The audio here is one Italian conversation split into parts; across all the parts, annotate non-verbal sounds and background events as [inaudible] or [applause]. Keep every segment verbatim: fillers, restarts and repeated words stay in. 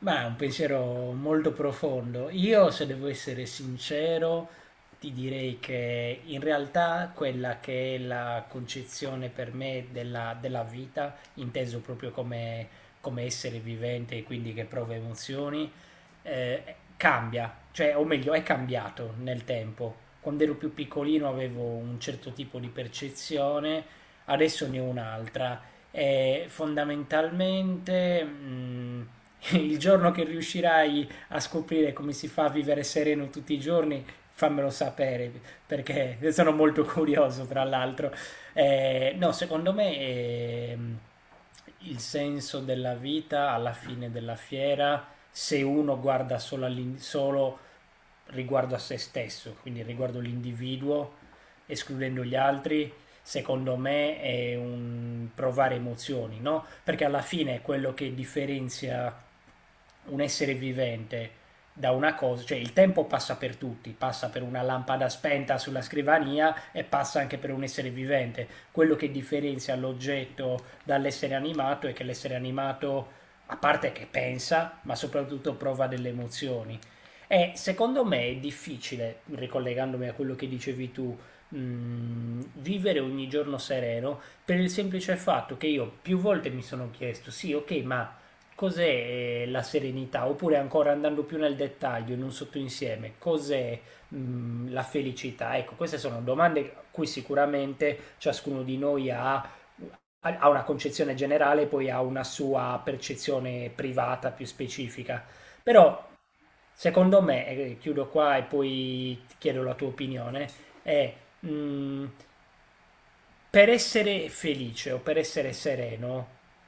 Ma è un pensiero molto profondo. Io, se devo essere sincero, ti direi che in realtà quella che è la concezione per me della, della vita, inteso proprio come, come essere vivente e quindi che prova emozioni, eh, cambia, cioè, o meglio, è cambiato nel tempo. Quando ero più piccolino avevo un certo tipo di percezione, adesso ne ho un'altra eh, fondamentalmente mh, [laughs] il giorno che riuscirai a scoprire come si fa a vivere sereno tutti i giorni, fammelo sapere perché [laughs] sono molto curioso tra l'altro. Eh, no, secondo me eh, il senso della vita alla fine della fiera, se uno guarda solo, all'in- solo riguardo a se stesso, quindi riguardo l'individuo, escludendo gli altri, secondo me è un provare emozioni, no? Perché alla fine è quello che differenzia un essere vivente da una cosa, cioè il tempo passa per tutti, passa per una lampada spenta sulla scrivania e passa anche per un essere vivente. Quello che differenzia l'oggetto dall'essere animato è che l'essere animato, a parte che pensa, ma soprattutto prova delle emozioni. E secondo me è difficile, ricollegandomi a quello che dicevi tu, mh, vivere ogni giorno sereno per il semplice fatto che io più volte mi sono chiesto, sì, ok, ma cos'è eh, la serenità? Oppure ancora andando più nel dettaglio, in un sottoinsieme, cos'è mh, la felicità? Ecco, queste sono domande a cui sicuramente ciascuno di noi ha ha una concezione generale, poi ha una sua percezione privata più specifica. Però secondo me, e chiudo qua e poi ti chiedo la tua opinione, è mh, per essere felice o per essere sereno,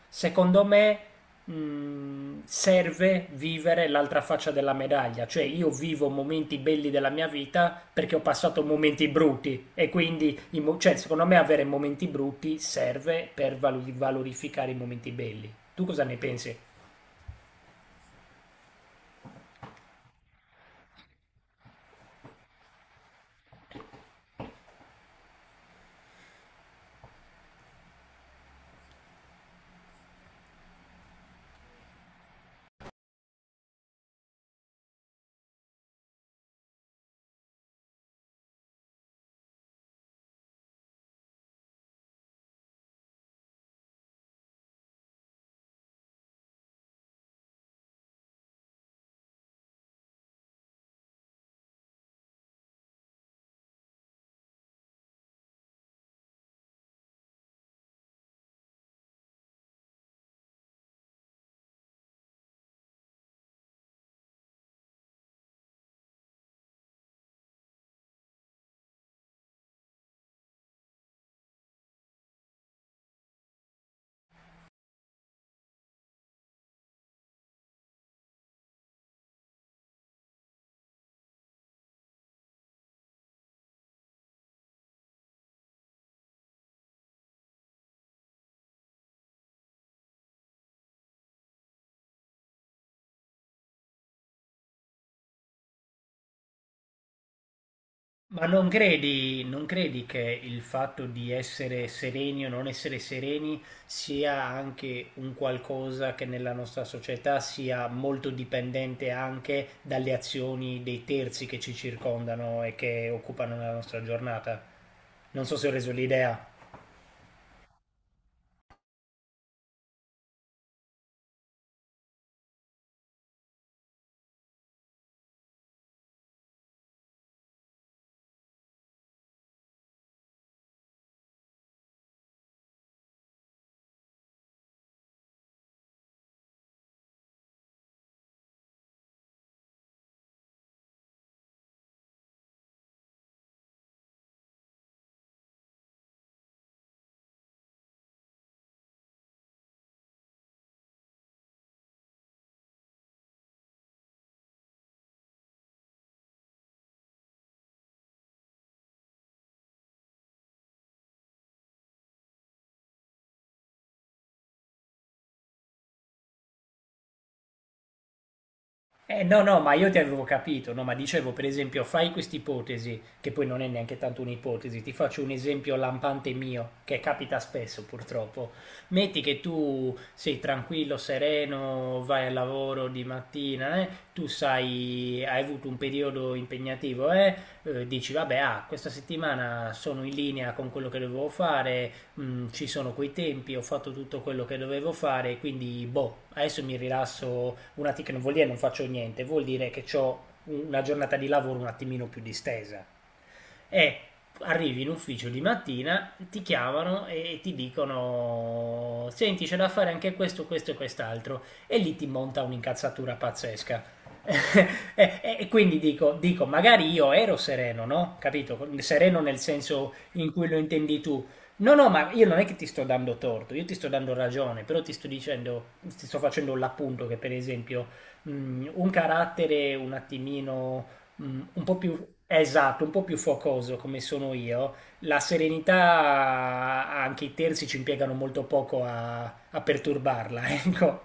secondo me mh, serve vivere l'altra faccia della medaglia, cioè io vivo momenti belli della mia vita perché ho passato momenti brutti e quindi i mo- cioè, secondo me avere momenti brutti serve per valo- valorificare i momenti belli. Tu cosa ne pensi? Ma non credi, non credi che il fatto di essere sereni o non essere sereni sia anche un qualcosa che nella nostra società sia molto dipendente anche dalle azioni dei terzi che ci circondano e che occupano la nostra giornata? Non so se ho reso l'idea. Eh, no, no, ma io ti avevo capito, no, ma dicevo per esempio, fai quest'ipotesi, che poi non è neanche tanto un'ipotesi, ti faccio un esempio lampante mio, che capita spesso purtroppo. Metti che tu sei tranquillo, sereno, vai al lavoro di mattina, eh, tu sai, hai avuto un periodo impegnativo, eh, eh, dici vabbè, ah, questa settimana sono in linea con quello che dovevo fare, mm, ci sono quei tempi, ho fatto tutto quello che dovevo fare, quindi boh, adesso mi rilasso un attimo, che non vuol dire non faccio niente, vuol dire che ho una giornata di lavoro un attimino più distesa è Arrivi in ufficio di mattina, ti chiamano e ti dicono senti c'è da fare anche questo, questo e quest'altro e lì ti monta un'incazzatura pazzesca. [laughs] e, e quindi dico, dico, magari io ero sereno, no? Capito? Sereno nel senso in cui lo intendi tu. No, no, ma io non è che ti sto dando torto, io ti sto dando ragione, però ti sto dicendo, ti sto facendo l'appunto che per esempio mh, un carattere un attimino Mm, un po' più, esatto, un po' più focoso come sono io. La serenità, anche i terzi ci impiegano molto poco a, a perturbarla, [laughs] ecco.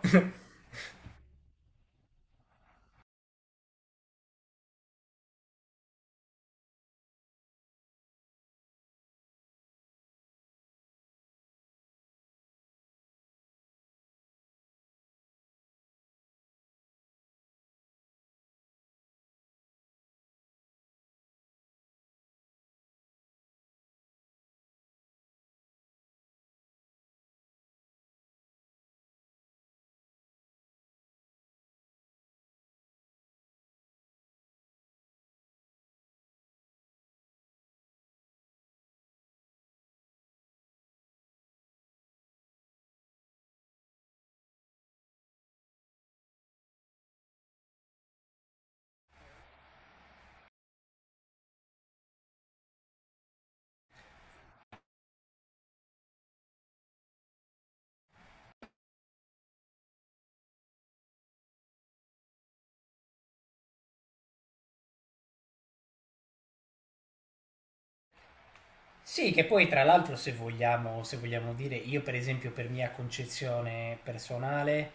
Sì, che poi tra l'altro se vogliamo, se vogliamo dire, io per esempio per mia concezione personale,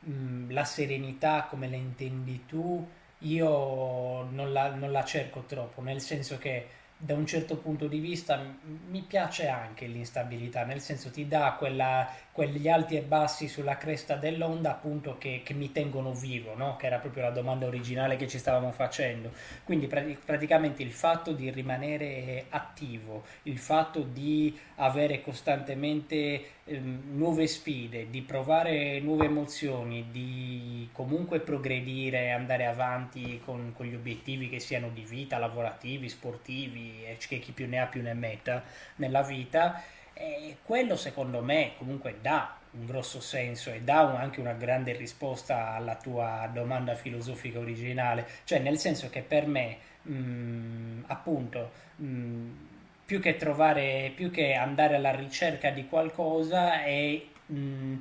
mh, la serenità come la intendi tu, io non la, non la cerco troppo, nel senso che da un certo punto di vista m- mi piace anche l'instabilità, nel senso ti dà quella, quegli alti e bassi sulla cresta dell'onda appunto che, che mi tengono vivo, no? Che era proprio la domanda originale che ci stavamo facendo. Quindi prati- praticamente il fatto di rimanere attivo, il fatto di avere costantemente ehm, nuove sfide, di provare nuove emozioni, di comunque progredire, andare avanti con, con gli obiettivi che siano di vita, lavorativi, sportivi, e c- che chi più ne ha più ne metta nella vita, eh, quello secondo me comunque dà un grosso senso e dà un- anche una grande risposta alla tua domanda filosofica originale, cioè nel senso che per me, mh, appunto, mh, più che trovare, più che andare alla ricerca di qualcosa è mh,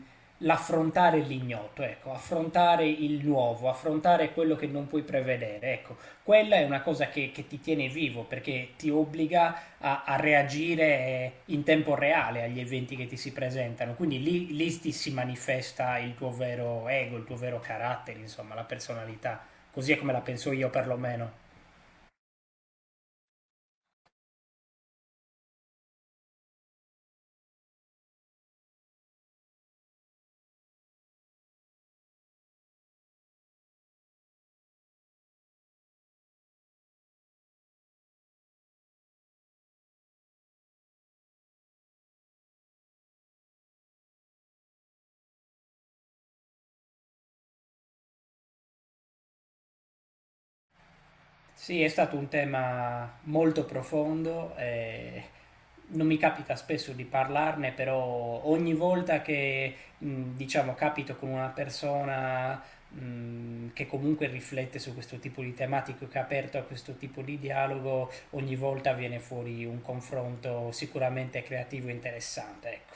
l'affrontare l'ignoto, ecco, affrontare il nuovo, affrontare quello che non puoi prevedere, ecco, quella è una cosa che, che ti tiene vivo perché ti obbliga a, a reagire in tempo reale agli eventi che ti si presentano. Quindi lì, lì ti si manifesta il tuo vero ego, il tuo vero carattere, insomma, la personalità. Così è come la penso io perlomeno. Sì, è stato un tema molto profondo, eh, non mi capita spesso di parlarne, però ogni volta che mh, diciamo capito con una persona mh, che comunque riflette su questo tipo di tematiche, che è aperto a questo tipo di dialogo, ogni volta viene fuori un confronto sicuramente creativo e interessante, ecco.